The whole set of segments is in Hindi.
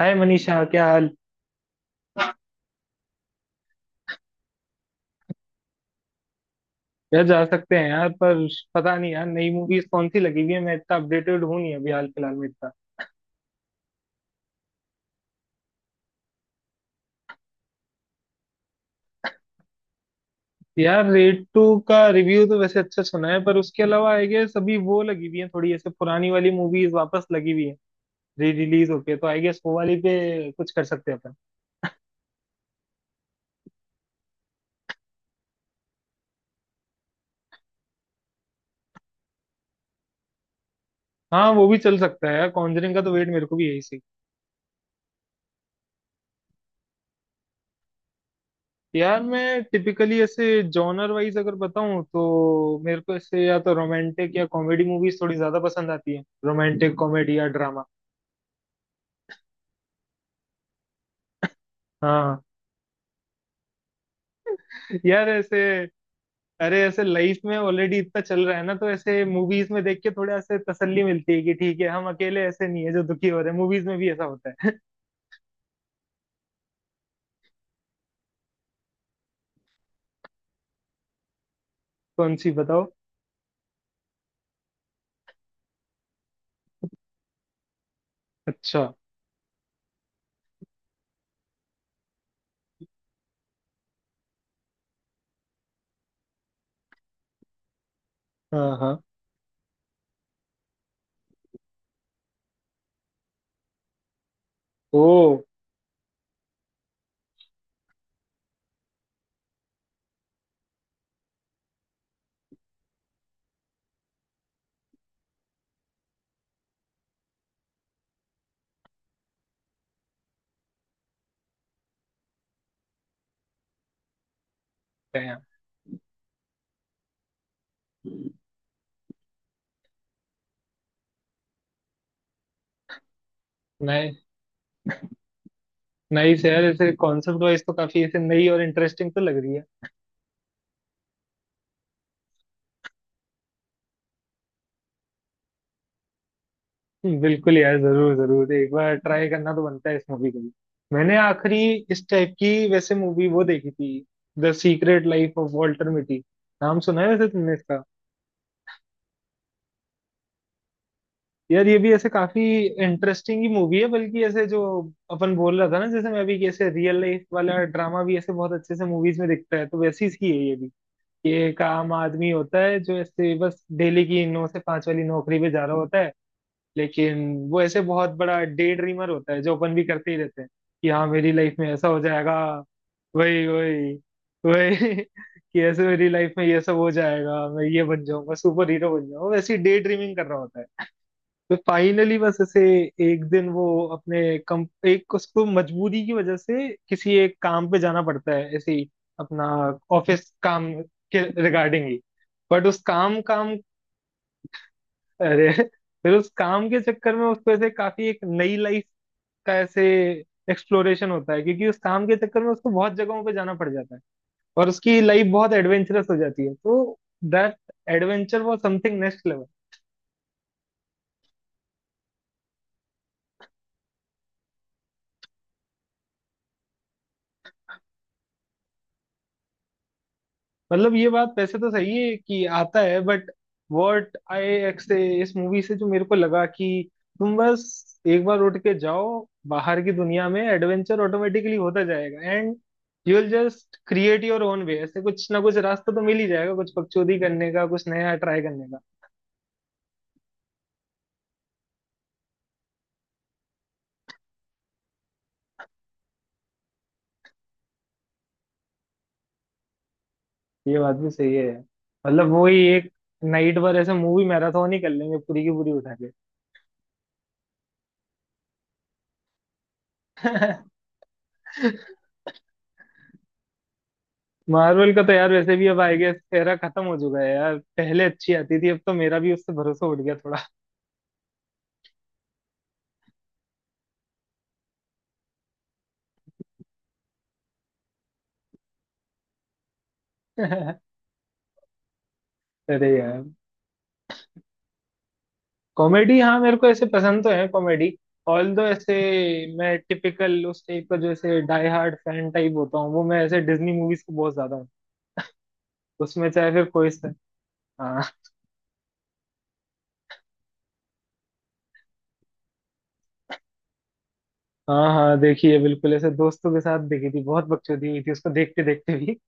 हाय मनीषा क्या हाल। यार जा सकते हैं यार, पर पता नहीं यार नई मूवीज कौन सी लगी हुई है। मैं इतना अपडेटेड हूँ नहीं अभी हाल फिलहाल में इतना। यार रेड टू का रिव्यू तो वैसे अच्छा सुना है, पर उसके अलावा आई गेस अभी वो लगी हुई है, थोड़ी ऐसे पुरानी वाली मूवीज वापस लगी हुई है री रिलीज होके। तो आई गेस वो वाली पे कुछ कर सकते हैं अपन। हाँ, वो भी चल सकता है यार, कॉन्जरिंग का तो वेट मेरे को भी यही सी। यार मैं टिपिकली ऐसे जॉनर वाइज अगर बताऊं, तो मेरे को ऐसे या तो रोमांटिक या कॉमेडी मूवीज थोड़ी ज्यादा पसंद आती है, रोमांटिक कॉमेडी या ड्रामा। हाँ। यार ऐसे अरे, ऐसे लाइफ में ऑलरेडी इतना चल रहा है ना, तो ऐसे मूवीज में देख के थोड़ा ऐसे तसल्ली मिलती है कि ठीक है, हम अकेले ऐसे नहीं है जो दुखी हो रहे हैं, मूवीज में भी ऐसा होता है। कौन सी बताओ। अच्छा। हाँ, हाँ। ओ। नाइस। नाइस यार, ऐसे कॉन्सेप्ट वाइज तो काफी ऐसे नई और इंटरेस्टिंग तो लग रही है। बिल्कुल यार, जरूर जरूर एक बार ट्राई करना तो बनता है इस मूवी को भी। मैंने आखिरी इस टाइप की वैसे मूवी वो देखी थी, the secret life of Walter Mitty. नाम सुना है वैसे तुमने इसका? यार ये भी ऐसे काफी इंटरेस्टिंग ही मूवी है, बल्कि ऐसे जो अपन बोल रहा था ना जैसे मैं अभी, कि ऐसे रियल लाइफ वाला ड्रामा भी ऐसे बहुत अच्छे से मूवीज में दिखता है, तो वैसी ही है ये भी। ये एक आम आदमी होता है जो ऐसे बस डेली की 9 से 5 वाली नौकरी पे जा रहा होता है, लेकिन वो ऐसे बहुत बड़ा डे ड्रीमर होता है, जो अपन भी करते ही रहते हैं कि हाँ मेरी लाइफ में ऐसा हो जाएगा। वही वही वही। कि ऐसे मेरी लाइफ में ये सब हो जाएगा, मैं ये बन जाऊंगा, सुपर हीरो बन जाऊंगा, वैसी डे ड्रीमिंग कर रहा होता है। तो फाइनली बस ऐसे एक दिन वो अपने कम एक उसको मजबूरी की वजह से किसी एक काम पे जाना पड़ता है, ऐसे ही अपना ऑफिस काम के रिगार्डिंग ही। बट उस काम काम अरे, फिर उस काम के चक्कर में उसको ऐसे काफी एक नई लाइफ का ऐसे एक्सप्लोरेशन होता है, क्योंकि उस काम के चक्कर में उसको बहुत जगहों पे जाना पड़ जाता है और उसकी लाइफ बहुत एडवेंचरस हो जाती है। तो that adventure was something next level. मतलब ये बात वैसे तो सही है कि आता है, बट व्हाट आई एक्स इस मूवी से जो मेरे को लगा कि तुम बस एक बार उठ के जाओ बाहर की दुनिया में, एडवेंचर ऑटोमेटिकली होता जाएगा, and you will just create your own way, ऐसे कुछ ना कुछ रास्ता तो मिल ही जाएगा, कुछ पगचौदी करने का, कुछ नया ट्राई करने का। ये बात भी सही है यार। मतलब वही एक नाइट भर ऐसे मूवी मैराथन ही कर लेंगे, पूरी की पूरी उठा के। मार्वल का तो यार वैसे भी अब आई गेस एरा खत्म हो चुका है यार, पहले अच्छी आती थी, अब तो मेरा भी उससे भरोसा उठ गया थोड़ा। अरे यार। कॉमेडी, हाँ, मेरे को ऐसे पसंद तो है कॉमेडी, ऑल दो ऐसे मैं टिपिकल उस टाइप का जो ऐसे डाई हार्ड फैन टाइप होता हूँ, वो मैं ऐसे डिज्नी मूवीज को बहुत ज्यादा हूँ। उसमें चाहे फिर कोई से। हाँ। हाँ, हाँ, देखिए, बिल्कुल ऐसे दोस्तों के साथ देखी थी, बहुत बकचोदी हुई थी उसको देखते देखते भी।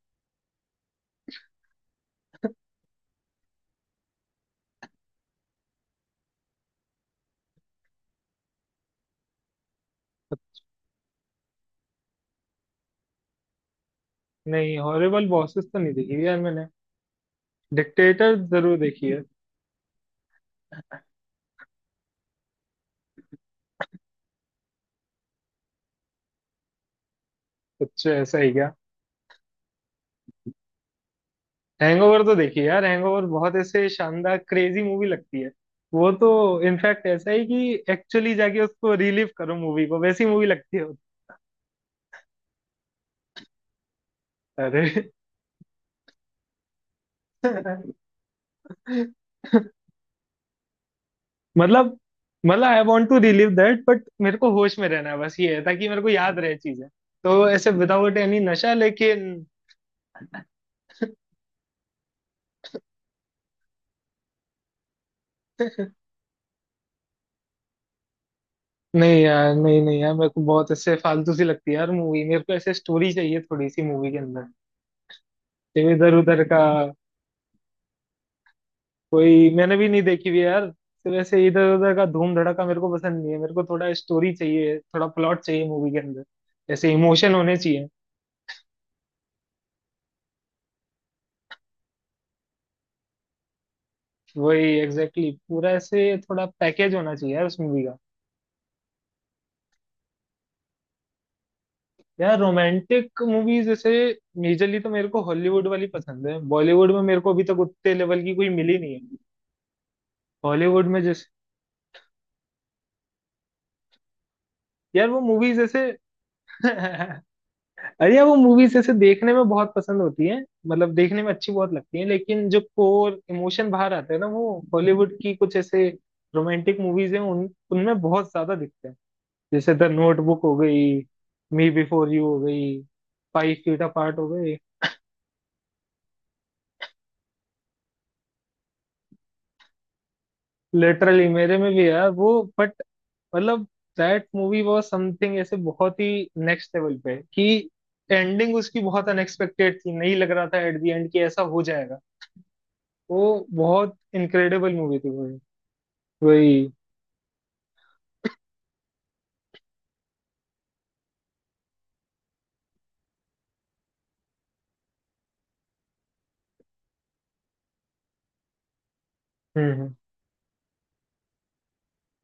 नहीं, हॉरिबल बॉसेस तो नहीं देखी यार मैंने, डिक्टेटर जरूर देखी है। कुछ ऐसा ही। हैंगओवर तो देखिए यार, हैंगओवर बहुत ऐसे शानदार क्रेजी मूवी लगती है। वो तो इनफैक्ट ऐसा ही कि एक्चुअली जाके उसको रिलीव करो, मूवी को वैसी मूवी लगती है। अरे। मतलब मतलब I want to relive that, but मेरे को होश में रहना है बस, ये है ताकि मेरे को याद रहे चीजें। तो ऐसे विदाउट एनी नशा लेकिन। नहीं यार, नहीं, नहीं यार, मेरे को बहुत ऐसे फालतू सी लगती है यार मूवी, मेरे को ऐसे स्टोरी चाहिए थोड़ी सी मूवी के अंदर। इधर उधर का कोई मैंने भी नहीं देखी हुई है यार, सिर्फ ऐसे इधर उधर का धूम धड़ाका मेरे को पसंद नहीं है। मेरे को थोड़ा स्टोरी चाहिए, थोड़ा प्लॉट चाहिए मूवी के अंदर, ऐसे इमोशन होने चाहिए। वही, एग्जैक्टली exactly. पूरा ऐसे थोड़ा पैकेज होना चाहिए यार उस मूवी का। यार रोमांटिक मूवीज जैसे मेजरली तो मेरे को हॉलीवुड वाली पसंद है, बॉलीवुड में मेरे को अभी तक उतने लेवल की कोई मिली नहीं है। हॉलीवुड में जैसे यार वो मूवीज जैसे अरे यार, वो मूवीज ऐसे देखने में बहुत पसंद होती है, मतलब देखने में अच्छी बहुत लगती है, लेकिन जो कोर इमोशन बाहर आते हैं ना, वो हॉलीवुड की कुछ ऐसे रोमांटिक मूवीज हैं उन उनमें बहुत ज्यादा दिखते हैं। जैसे द नोटबुक हो गई, मी बिफोर यू हो गई, फाइव फीट अपार्ट हो गई। लिटरली मेरे में भी यार वो, बट मतलब दैट मूवी वाज समथिंग ऐसे बहुत ही नेक्स्ट लेवल पे कि एंडिंग उसकी बहुत अनएक्सपेक्टेड थी, नहीं लग रहा था एट द एंड कि ऐसा हो जाएगा। वो बहुत इनक्रेडिबल मूवी थी भाई। वही। हम्म, हम्म।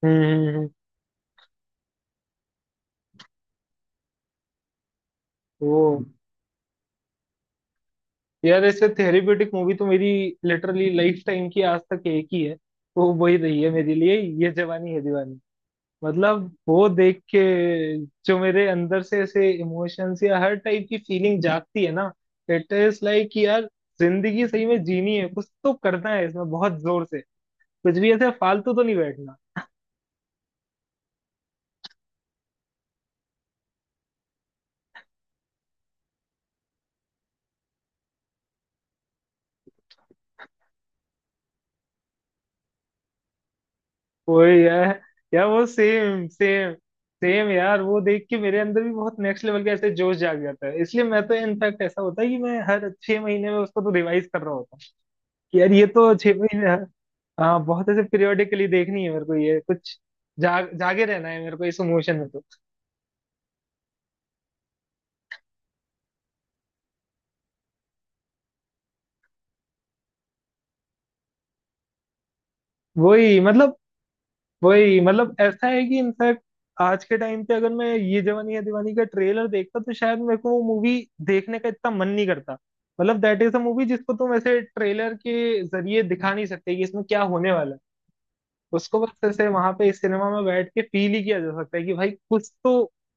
हम्म। वो, यार ऐसे थेरेप्यूटिक मूवी तो मेरी लिटरली लाइफ टाइम की आज तक एक ही है, वो वही रही है मेरे लिए। ये जवानी है दीवानी। मतलब वो देख के जो मेरे अंदर से ऐसे इमोशंस या हर टाइप की फीलिंग जागती है ना, इट इज लाइक यार, जिंदगी सही में जीनी है, कुछ तो करना है इसमें बहुत जोर से, कुछ भी ऐसे फालतू तो नहीं बैठना। वही यार। यार वो सेम, सेम, सेम यार, वो देख के मेरे अंदर भी बहुत नेक्स्ट लेवल का ऐसे जोश जाग जाता है, इसलिए मैं तो इनफैक्ट ऐसा होता है कि मैं हर 6 महीने में उसको तो रिवाइज कर रहा होता हूँ। कि यार ये तो छह महीने हाँ, बहुत ऐसे पीरियोडिकली देखनी है मेरे को ये, कुछ जाग जागे रहना है मेरे को इस इमोशन में तो। वही मतलब वही, मतलब ऐसा है कि इनफैक्ट आज के टाइम पे अगर मैं ये जवानी है दीवानी का ट्रेलर देखता, तो शायद मेरे को वो मूवी देखने का इतना मन नहीं करता। मतलब दैट इज अ मूवी जिसको तुम ऐसे ट्रेलर के जरिए दिखा नहीं सकते कि इसमें क्या होने वाला है। उसको बस ऐसे वहां पे इस सिनेमा में बैठ के फील ही किया जा सकता है कि भाई कुछ तो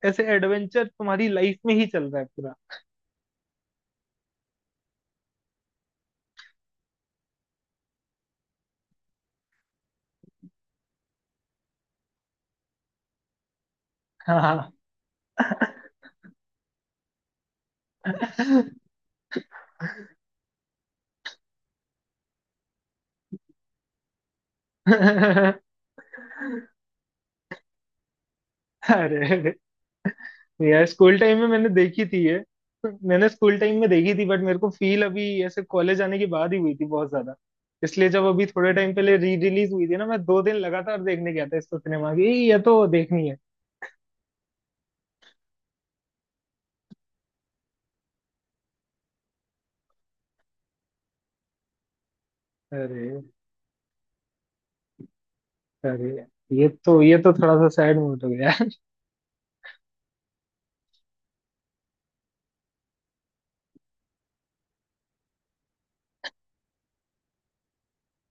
ऐसे एडवेंचर तुम्हारी लाइफ में ही चल रहा है। पूरा, हाँ। अरे, अरे। यार स्कूल टाइम में मैंने देखी थी ये, मैंने स्कूल टाइम में देखी थी, बट मेरे को फील अभी ऐसे कॉलेज आने के बाद ही हुई थी बहुत ज्यादा। इसलिए जब अभी थोड़े टाइम पहले री रिलीज हुई थी ना, मैं 2 दिन लगातार देखने गया था इसको सिनेमा की, ये तो देखनी है। अरे, अरे। ये तो थोड़ा सा सैड मूड हो गया।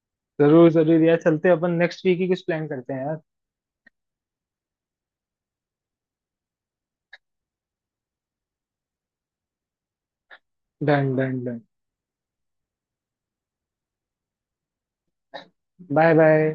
जरूर जरूर यार, चलते हैं अपन नेक्स्ट वीक ही कुछ प्लान करते हैं यार। Done done done. Bye bye.